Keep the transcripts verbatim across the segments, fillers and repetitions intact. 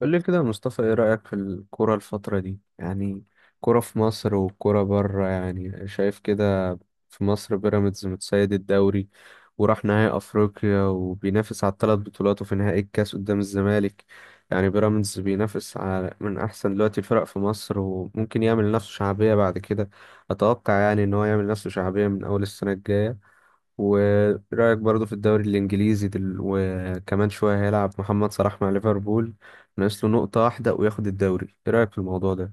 قول لي كده يا مصطفى، ايه رأيك في الكرة الفترة دي يعني؟ كرة في مصر والكرة بره، يعني شايف كده؟ في مصر بيراميدز متسيد الدوري، وراح نهائي افريقيا، وبينافس على الثلاث بطولات، وفي نهائي الكاس قدام الزمالك. يعني بيراميدز بينافس على من احسن دلوقتي الفرق في مصر، وممكن يعمل نفسه شعبية بعد كده. اتوقع يعني ان هو يعمل نفسه شعبية من اول السنة الجاية. ورأيك برضو في الدوري الإنجليزي دل... وكمان شوية هيلعب محمد صلاح مع ليفربول. ناقص له نقطة واحدة وياخد الدوري. إيه رأيك في الموضوع ده؟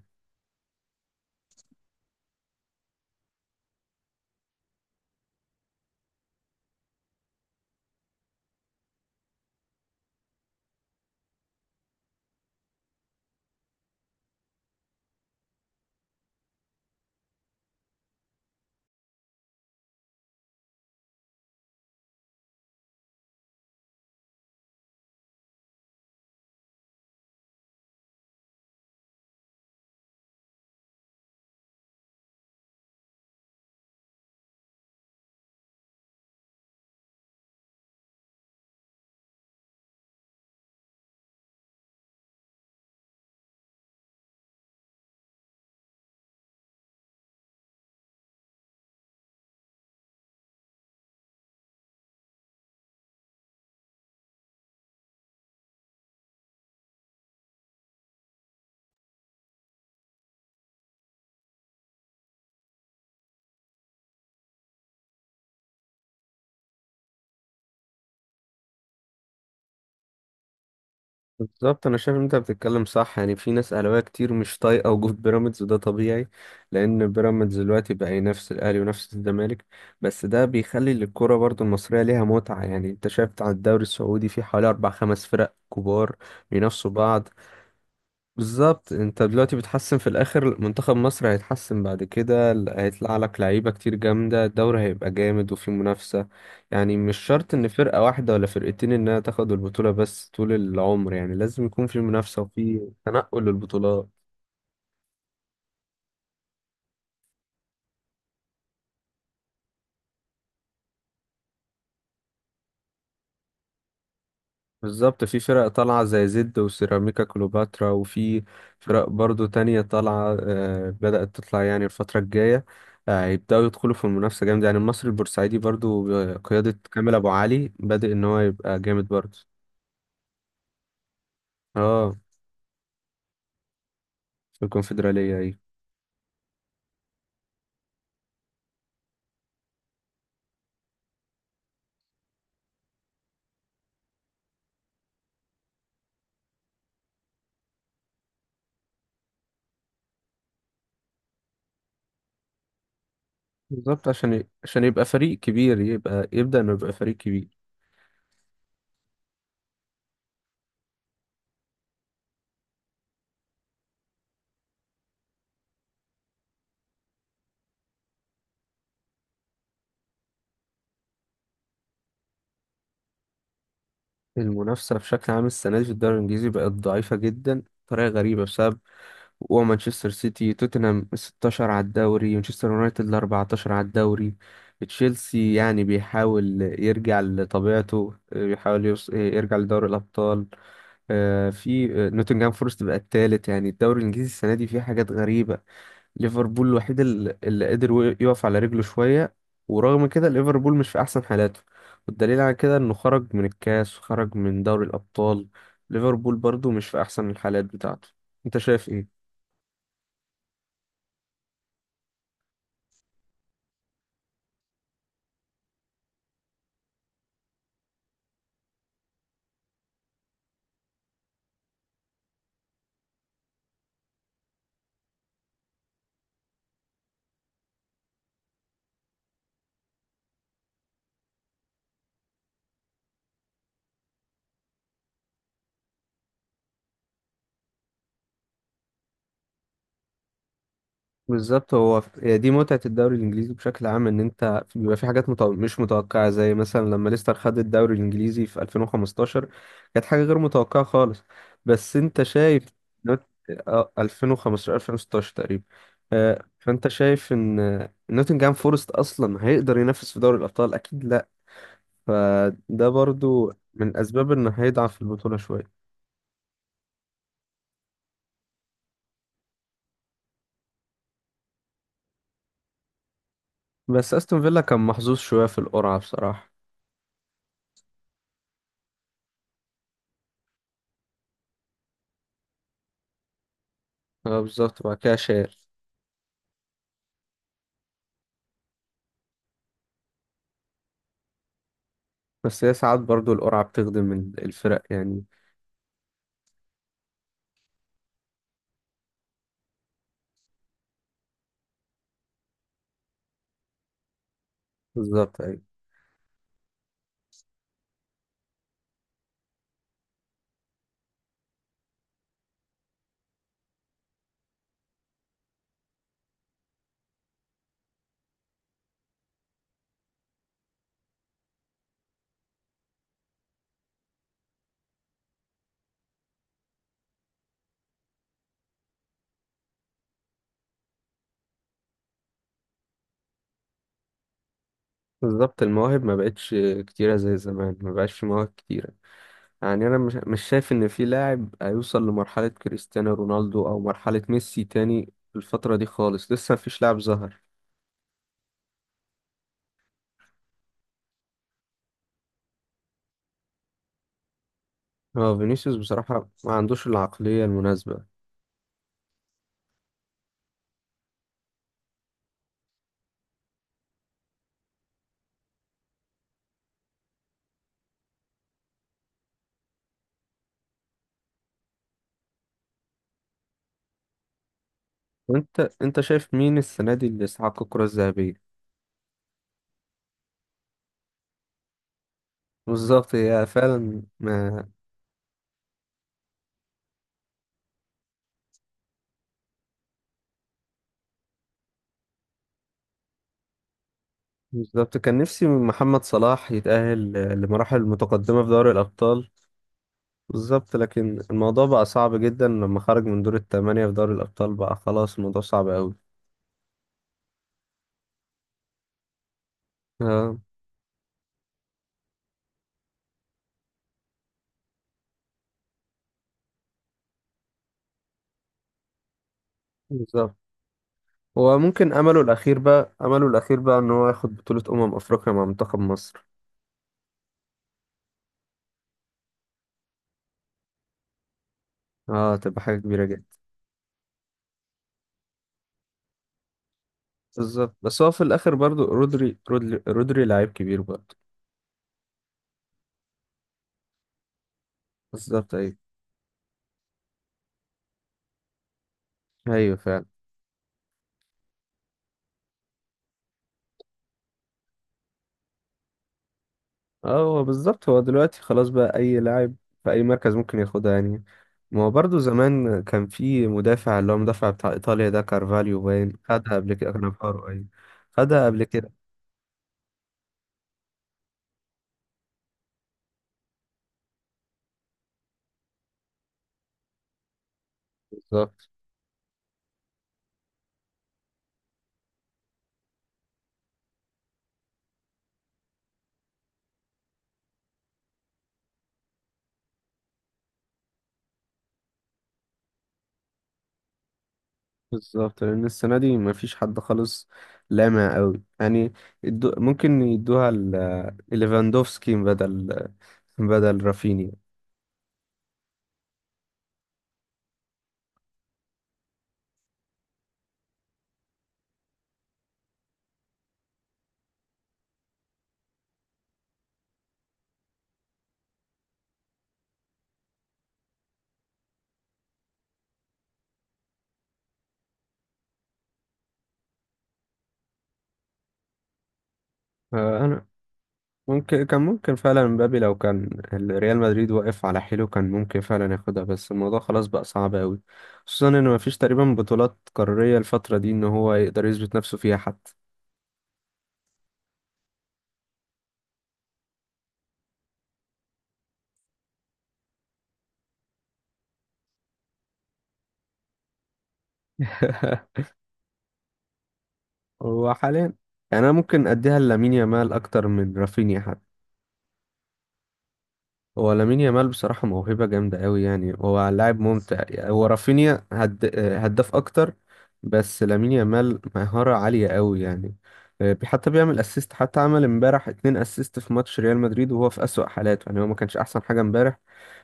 بالظبط، أنا شايف إن أنت بتتكلم صح. يعني في ناس أهلاوية كتير مش طايقة وجود بيراميدز، وده طبيعي. لأن بيراميدز دلوقتي بقى ينافس الأهلي وينافس الزمالك. بس ده بيخلي للكرة برضو المصرية ليها متعة. يعني أنت شايف على الدوري السعودي، في حوالي أربع خمس فرق كبار بينافسوا بعض. بالظبط، انت دلوقتي بتحسن في الاخر. منتخب مصر هيتحسن بعد كده، ال- هيطلع لك لعيبه كتير جامده، الدوري هيبقى جامد وفي منافسه. يعني مش شرط ان فرقه واحده ولا فرقتين انها تاخد البطوله بس طول العمر، يعني لازم يكون في منافسه وفي تنقل للبطولات. بالظبط، في فرق طالعة زي زد وسيراميكا كليوباترا، وفي فرق برضو تانية طالعة آه، بدأت تطلع يعني الفترة الجاية. آه، هيبدأوا يدخلوا في المنافسة جامد. يعني المصري البورسعيدي برضو بقيادة كامل أبو علي بادئ إن هو يبقى جامد برضو. اه، في الكونفدرالية، أيوة. بالظبط، عشان ي- عشان يبقى فريق كبير، يبقى يبدأ إنه يبقى فريق كبير. المنافسة بشكل عام السنة دي في الدوري الإنجليزي بقت ضعيفة جدا بطريقة غريبة. بسبب ومانشستر سيتي توتنهام ستة عشر على الدوري، مانشستر يونايتد اربعتاشر على الدوري، تشيلسي يعني بيحاول يرجع لطبيعته، بيحاول يوص... يرجع لدوري الأبطال. آه، في آه، نوتنغهام فورست بقى الثالث. يعني الدوري الإنجليزي السنة دي فيه حاجات غريبة. ليفربول الوحيد ال- اللي قدر و- يقف على رجله شوية. ورغم كده ليفربول مش في أحسن حالاته، والدليل على كده إنه خرج من الكاس وخرج من دوري الأبطال. ليفربول برضو مش في أحسن الحالات بتاعته. أنت شايف إيه؟ بالظبط، هو ف- هي دي متعة الدوري الإنجليزي بشكل عام. إن أنت في- بيبقى في حاجات متو... مش متوقعة، زي مثلا لما ليستر خد الدوري الإنجليزي في ألفين وخمستاشر. كانت حاجة غير متوقعة خالص. بس أنت شايف نوت... آه، ألفين وخمستاشر ألفين وستة عشر تقريبا. آه، فأنت شايف إن آه، نوتنجهام فورست أصلا هيقدر ينافس في دوري الأبطال؟ أكيد لأ. فده برضو من أسباب إنه هيضعف في البطولة شوية. بس أستون فيلا كان محظوظ شوية في القرعة بصراحة. اه، بالظبط، وبعد كده شال. بس هي ساعات برضو القرعة بتخدم ال- الفرق يعني. بالظبط، أيوة. بالظبط، المواهب ما بقتش كتيرة زي زمان، ما بقاش في مواهب كتيرة. يعني أنا مش مش شايف إن في لاعب هيوصل لمرحلة كريستيانو رونالدو أو مرحلة ميسي تاني. الفترة دي خالص لسه مفيش لاعب ظهر. هو فينيسيوس بصراحة ما عندوش العقلية المناسبة. وأنت أنت شايف مين السنة دي اللي استحق الكرة الذهبية؟ بالظبط، هي فعلا ما. بالظبط، كان نفسي محمد صلاح يتأهل لمراحل متقدمة في دوري الأبطال. بالظبط، لكن الموضوع بقى صعب جدا. لما خرج من دور الثمانية في دوري الأبطال بقى خلاص الموضوع صعب أوي. اه، بالظبط، هو ممكن أمله الأخير بقى أمله الأخير بقى إن هو ياخد بطولة أمم أفريقيا مع منتخب مصر. اه، تبقى حاجة كبيرة جدا. بالظبط، بس هو في الآخر برضو رودري. رودري, رودري لعيب كبير برضو. بالظبط، أيوه. أيوه، فعلا. اه، هو بالظبط، هو دلوقتي خلاص بقى اي لاعب في اي مركز ممكن ياخدها يعني. ما هو برضه زمان كان في مدافع، اللي هو مدافع بتاع ايطاليا ده، كارفاليو باين خدها قبل كده. كانافارو، اي. خدها قبل كده. بالظبط. بالظبط، لان السنه دي ما فيش حد خالص لامع قوي يعني. يدو، ممكن يدوها ل- ليفاندوفسكي بدل بدل رافينيا. آه، انا ممكن، كان ممكن فعلا مبابي لو كان ريال مدريد واقف على حيله كان ممكن فعلا ياخدها، بس الموضوع خلاص بقى صعب قوي. خصوصا ان مفيش تقريبا بطولات قارية الفترة دي ان هو يقدر يثبت نفسه فيها حتى. هو حاليا يعني انا ممكن اديها لامين يامال اكتر من رافينيا. هو لامين يامال بصراحة موهبة جامدة قوي، يعني هو لاعب ممتع يعني. هو رافينيا هد... هداف أكتر. بس لامين يامال مهارة عالية قوي يعني. آه، حتى بيعمل اسيست، حتى عمل امبارح اتنين اسيست في ماتش ريال مدريد، وهو في أسوأ حالاته يعني. هو ما كانش أحسن حاجة امبارح.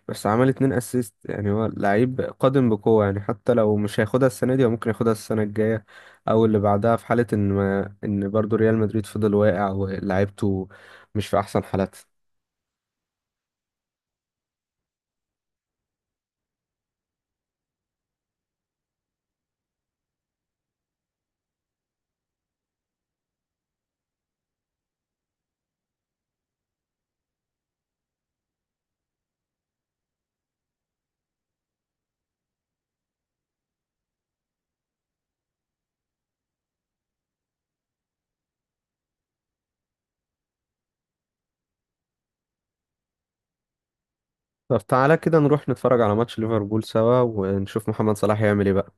بس عمل اتنين اسيست يعني، هو لعيب قادم بقوة يعني. حتى لو مش هياخدها السنة دي هو ممكن ياخدها السنة الجاية. أو اللي بعدها، في حالة إن ما... إن برضه ريال مدريد فضل واقع ولاعيبته مش في أحسن حالاتها. طب تعالى كده نروح نتفرج على ماتش ليفربول سوا، ونشوف محمد صلاح يعمل ايه بقى.